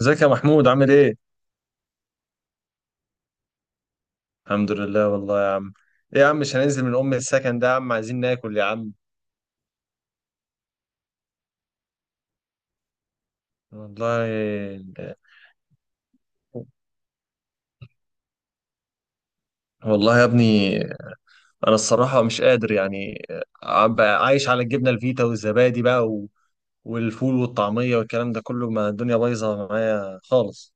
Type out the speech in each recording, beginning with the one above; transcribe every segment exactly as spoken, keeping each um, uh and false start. ازيك يا محمود، عامل ايه؟ الحمد لله، والله يا عم. ايه يا عم، مش هننزل من ام السكن ده يا عم، عايزين ناكل يا عم. والله. والله يا ابني. انا الصراحة مش قادر يعني. عم بقى عايش على الجبنة الفيتا والزبادي بقى و... والفول والطعمية والكلام ده كله، ما الدنيا بايظة معايا خالص.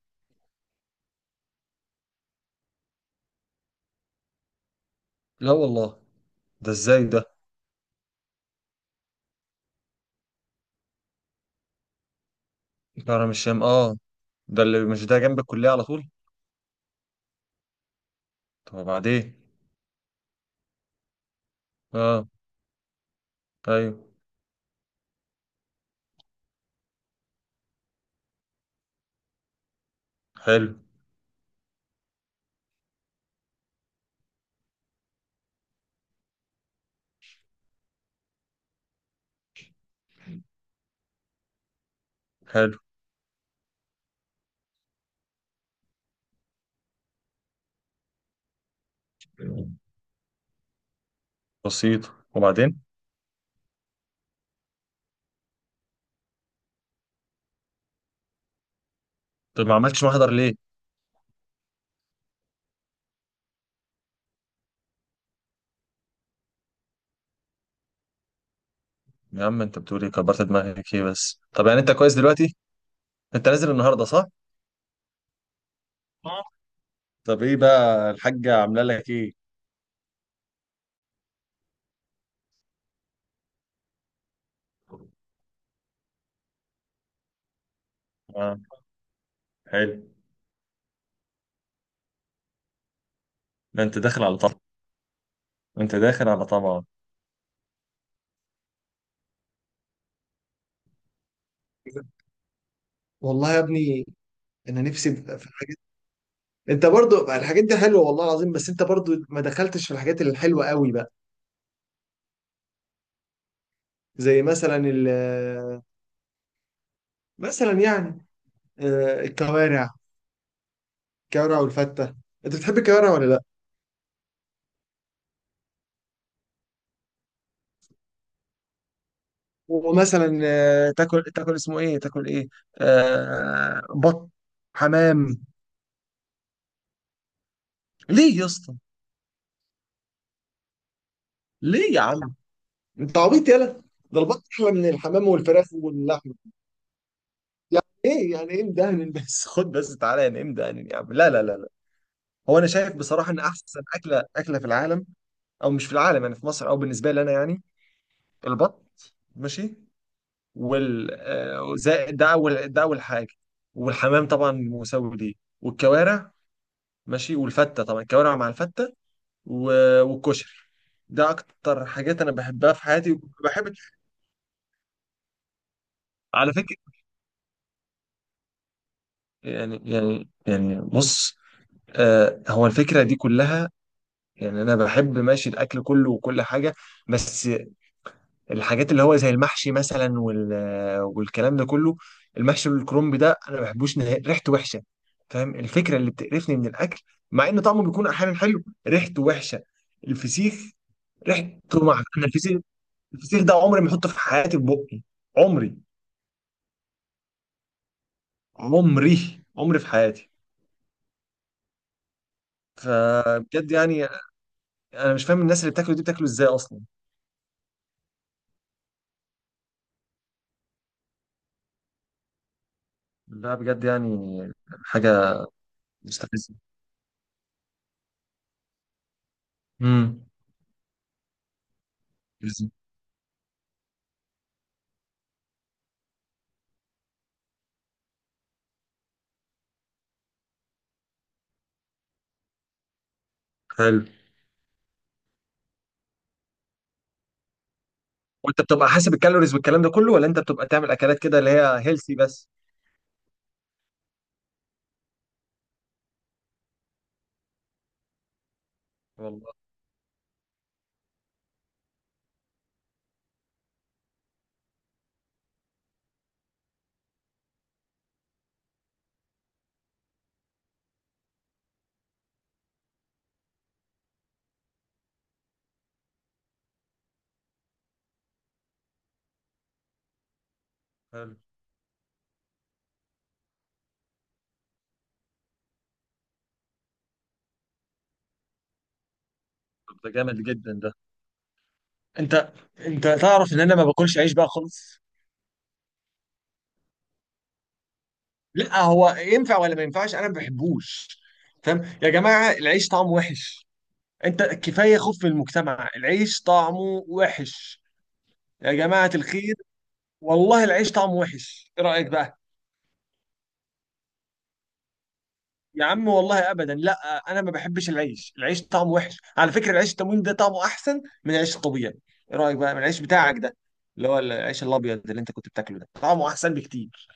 لا والله. ده ازاي ده؟ كرم الشام، اه. ده اللي مش ده جنب الكلية على طول؟ طب وبعدين؟ اه. ايوه. حلو. حلو. بسيط، وبعدين؟ طب ما عملتش محضر ليه؟ يا عم انت بتقول ايه؟ كبرت دماغك ايه بس، طب يعني انت كويس دلوقتي، انت نازل النهارده صح؟ آه. طب ايه بقى الحاجة عاملة لك ايه؟ آه. حلو. ده انت داخل على طمع، انت داخل على طمع. والله يا ابني. انا نفسي بقى في الحاجات. انت برضو الحاجات دي حلوه والله العظيم، بس انت برضو ما دخلتش في الحاجات الحلوه قوي بقى. زي مثلا ال مثلا يعني، آه، الكوارع، الكوارع والفته. انت بتحب الكوارع ولا لا؟ ومثلا آه، تاكل تاكل اسمه ايه، تاكل ايه، آه بط، حمام. ليه يا اسطى؟ ليه يا عم؟ انت عبيط يالا. ده البط احلى من الحمام والفراخ واللحم. يعني ايه، يعني ايه مدهن بس خد بس تعالى، يعني ايه مدهن يا عم؟ لا لا لا لا. هو انا شايف بصراحه ان احسن اكله اكله في العالم، او مش في العالم يعني، في مصر، او بالنسبه لي انا يعني. البط ماشي، وال آه، زائد، ده اول ده اول حاجه. والحمام طبعا مساوي ليه، والكوارع ماشي والفته، طبعا الكوارع مع الفته. و- والكشري، ده اكتر حاجات انا بحبها في حياتي وبحب. على فكره، يعني، يعني يعني بص، آه، هو الفكره دي كلها. يعني انا بحب ماشي الاكل كله وكل حاجه، بس الحاجات اللي هو زي المحشي مثلا وال والكلام ده كله، المحشي والكرنب ده انا ما بحبوش نهائي، ريحته وحشه. فاهم الفكره اللي بتقرفني من الاكل؟ مع ان طعمه بيكون احيانا حلو، ريحته وحشه. الفسيخ، ريحته، مع انا الفسيخ، الفسيخ ده عمري ما احطه في حياتي في بقي. عمري، عمري عمري في حياتي. فبجد يعني، انا مش فاهم الناس اللي بتاكله دي بتاكله ازاي اصلا. لا بجد يعني، حاجه مستفزه، امم مستفزة. حلو. وانت بتبقى حاسب الكالوريز والكلام ده كله، ولا انت بتبقى تعمل اكلات كده اللي هي هيلثي بس؟ والله. حلو. طب ده جامد جدا ده. انت انت تعرف ان انا ما باكلش عيش بقى خالص. لا هو ينفع ولا ما ينفعش، انا ما بحبوش. فاهم يا جماعه؟ العيش طعمه وحش، انت كفايه خوف في المجتمع، العيش طعمه وحش. يا جماعة الخير، والله العيش طعمه وحش، ايه رأيك بقى؟ يا عم والله ابدا لا. انا ما بحبش العيش، العيش طعمه وحش، على فكرة العيش التموين ده طعمه احسن من العيش الطبيعي. ايه رأيك بقى من العيش بتاعك ده؟ اللي هو العيش الابيض اللي انت كنت بتاكله ده طعمه احسن بكتير.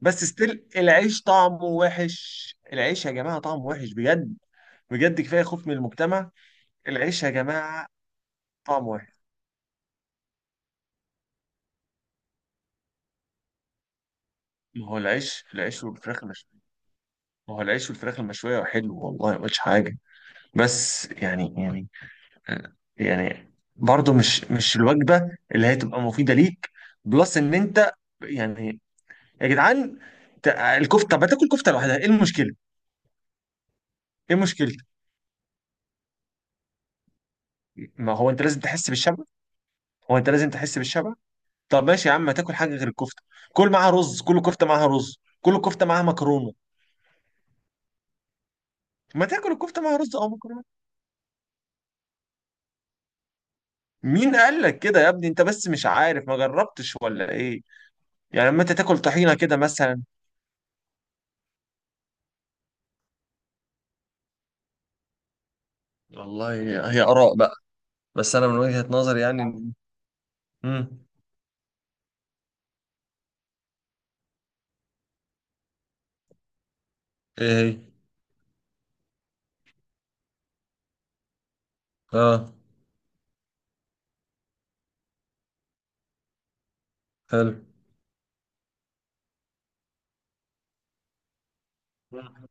بس ستيل العيش طعمه وحش، العيش يا جماعة طعمه وحش بجد. بجد كفاية خوف من المجتمع. العيش يا جماعة طعمه وحش. ما هو العيش، العيش والفراخ المشوية، ما هو العيش والفراخ المشوية حلو والله، ما قلتش حاجة. بس يعني، يعني يعني برضو مش مش الوجبة اللي هي تبقى مفيدة ليك، بلس ان انت يعني، يا جدعان، ت- الكفتة، طب ما تاكل كفتة لوحدها، ايه المشكلة؟ ايه مشكلة؟ ما هو انت لازم تحس بالشبع، هو انت لازم تحس بالشبع. طب ماشي يا عم، ما تاكل حاجة غير الكفتة، كل معاها رز، كل كفتة معاها رز، كل كفتة معاها مكرونة. ما تاكل الكفتة معاها رز او مكرونة. مين قال لك كده يا ابني؟ انت بس مش عارف، ما جربتش ولا ايه؟ يعني لما انت تاكل طحينة كده مثلا. والله، هي آراء بقى، بس أنا من وجهة نظري يعني. امم. ايه هي؟ اه. حلو. مم.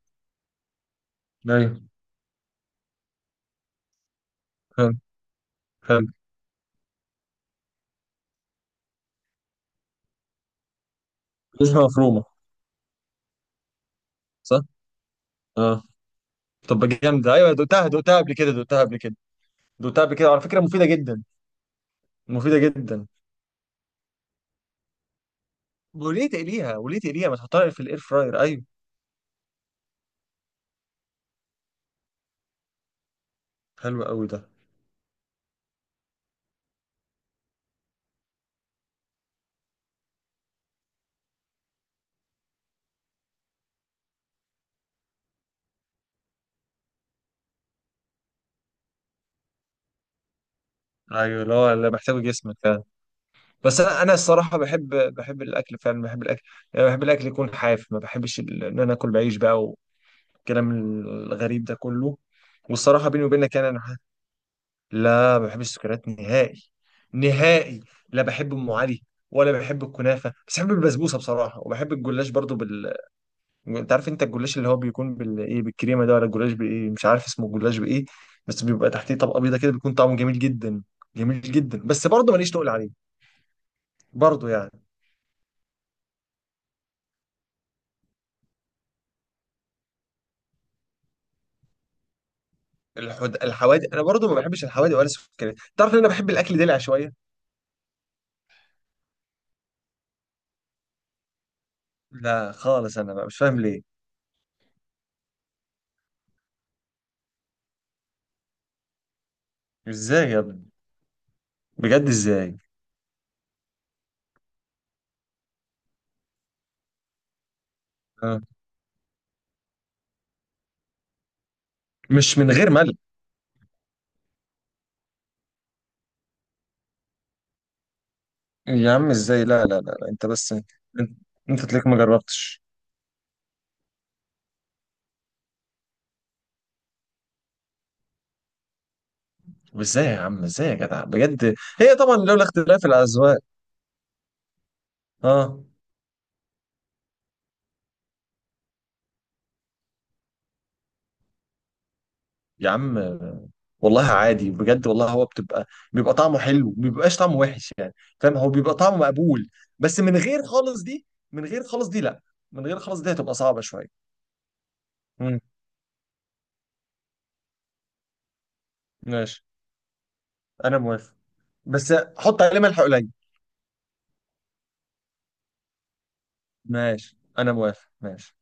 ايوه. حلو. حلو. لسه مفرومه. صح. اه. طب جامده، ايوه، دقتها دقتها قبل كده، دقتها قبل كده، دقتها قبل كده على فكره، مفيده جدا، مفيده جدا. وليه تقليها؟ وليه تقليها؟ ما تحطها في الاير فراير، ايوه. حلو قوي ده. ايوه، اللي هو اللي محتاجه جسمك فعلا. بس انا، انا الصراحه بحب، بحب الاكل فعلا، بحب الاكل. يعني بحب الاكل يكون حاف، ما بحبش ال- ان انا اكل بعيش بقى والكلام الغريب ده كله. والصراحه بيني وبينك يعني انا، لا ما بحبش السكريات نهائي. نهائي. لا، بحب ام علي، ولا بحب الكنافه، بس بحب البسبوسه بصراحه، وبحب الجلاش برضو بال، انت عارف انت الجلاش اللي هو بيكون بال ايه، بالكريمه ده، ولا الجلاش بايه، مش عارف اسمه الجلاش بايه. بس بيبقى تحتيه طبقه بيضه كده، بيكون طعمه جميل جدا، جميل جدا. بس برضه ماليش تقول عليه، برضه يعني. الحد... الحوادق، انا برضه ما بحبش الحوادق ولا السكريات. تعرف ان انا بحب الاكل دلع شويه؟ لا خالص، انا بقى مش فاهم ليه. ازاي يا ابني؟ بجد ازاي؟ آه. مش من غير ملح. يا عم ازاي، لا لا لا، لا. انت بس انت, انت، تلاقيك ما جربتش. طب ازاي يا عم، ازاي يا جدع بجد؟ هي طبعا لولا اختلاف الاذواق. اه يا عم. والله عادي بجد والله، هو بتبقى، بيبقى طعمه حلو، ما بيبقاش طعمه وحش يعني. فاهم؟ هو بيبقى طعمه مقبول، بس من غير خالص دي، من غير خالص دي لا، من غير خالص دي هتبقى صعبة شوية. امم. ماشي انا موافق، بس حط عليه ملح قليل. ماشي انا موافق، ماشي.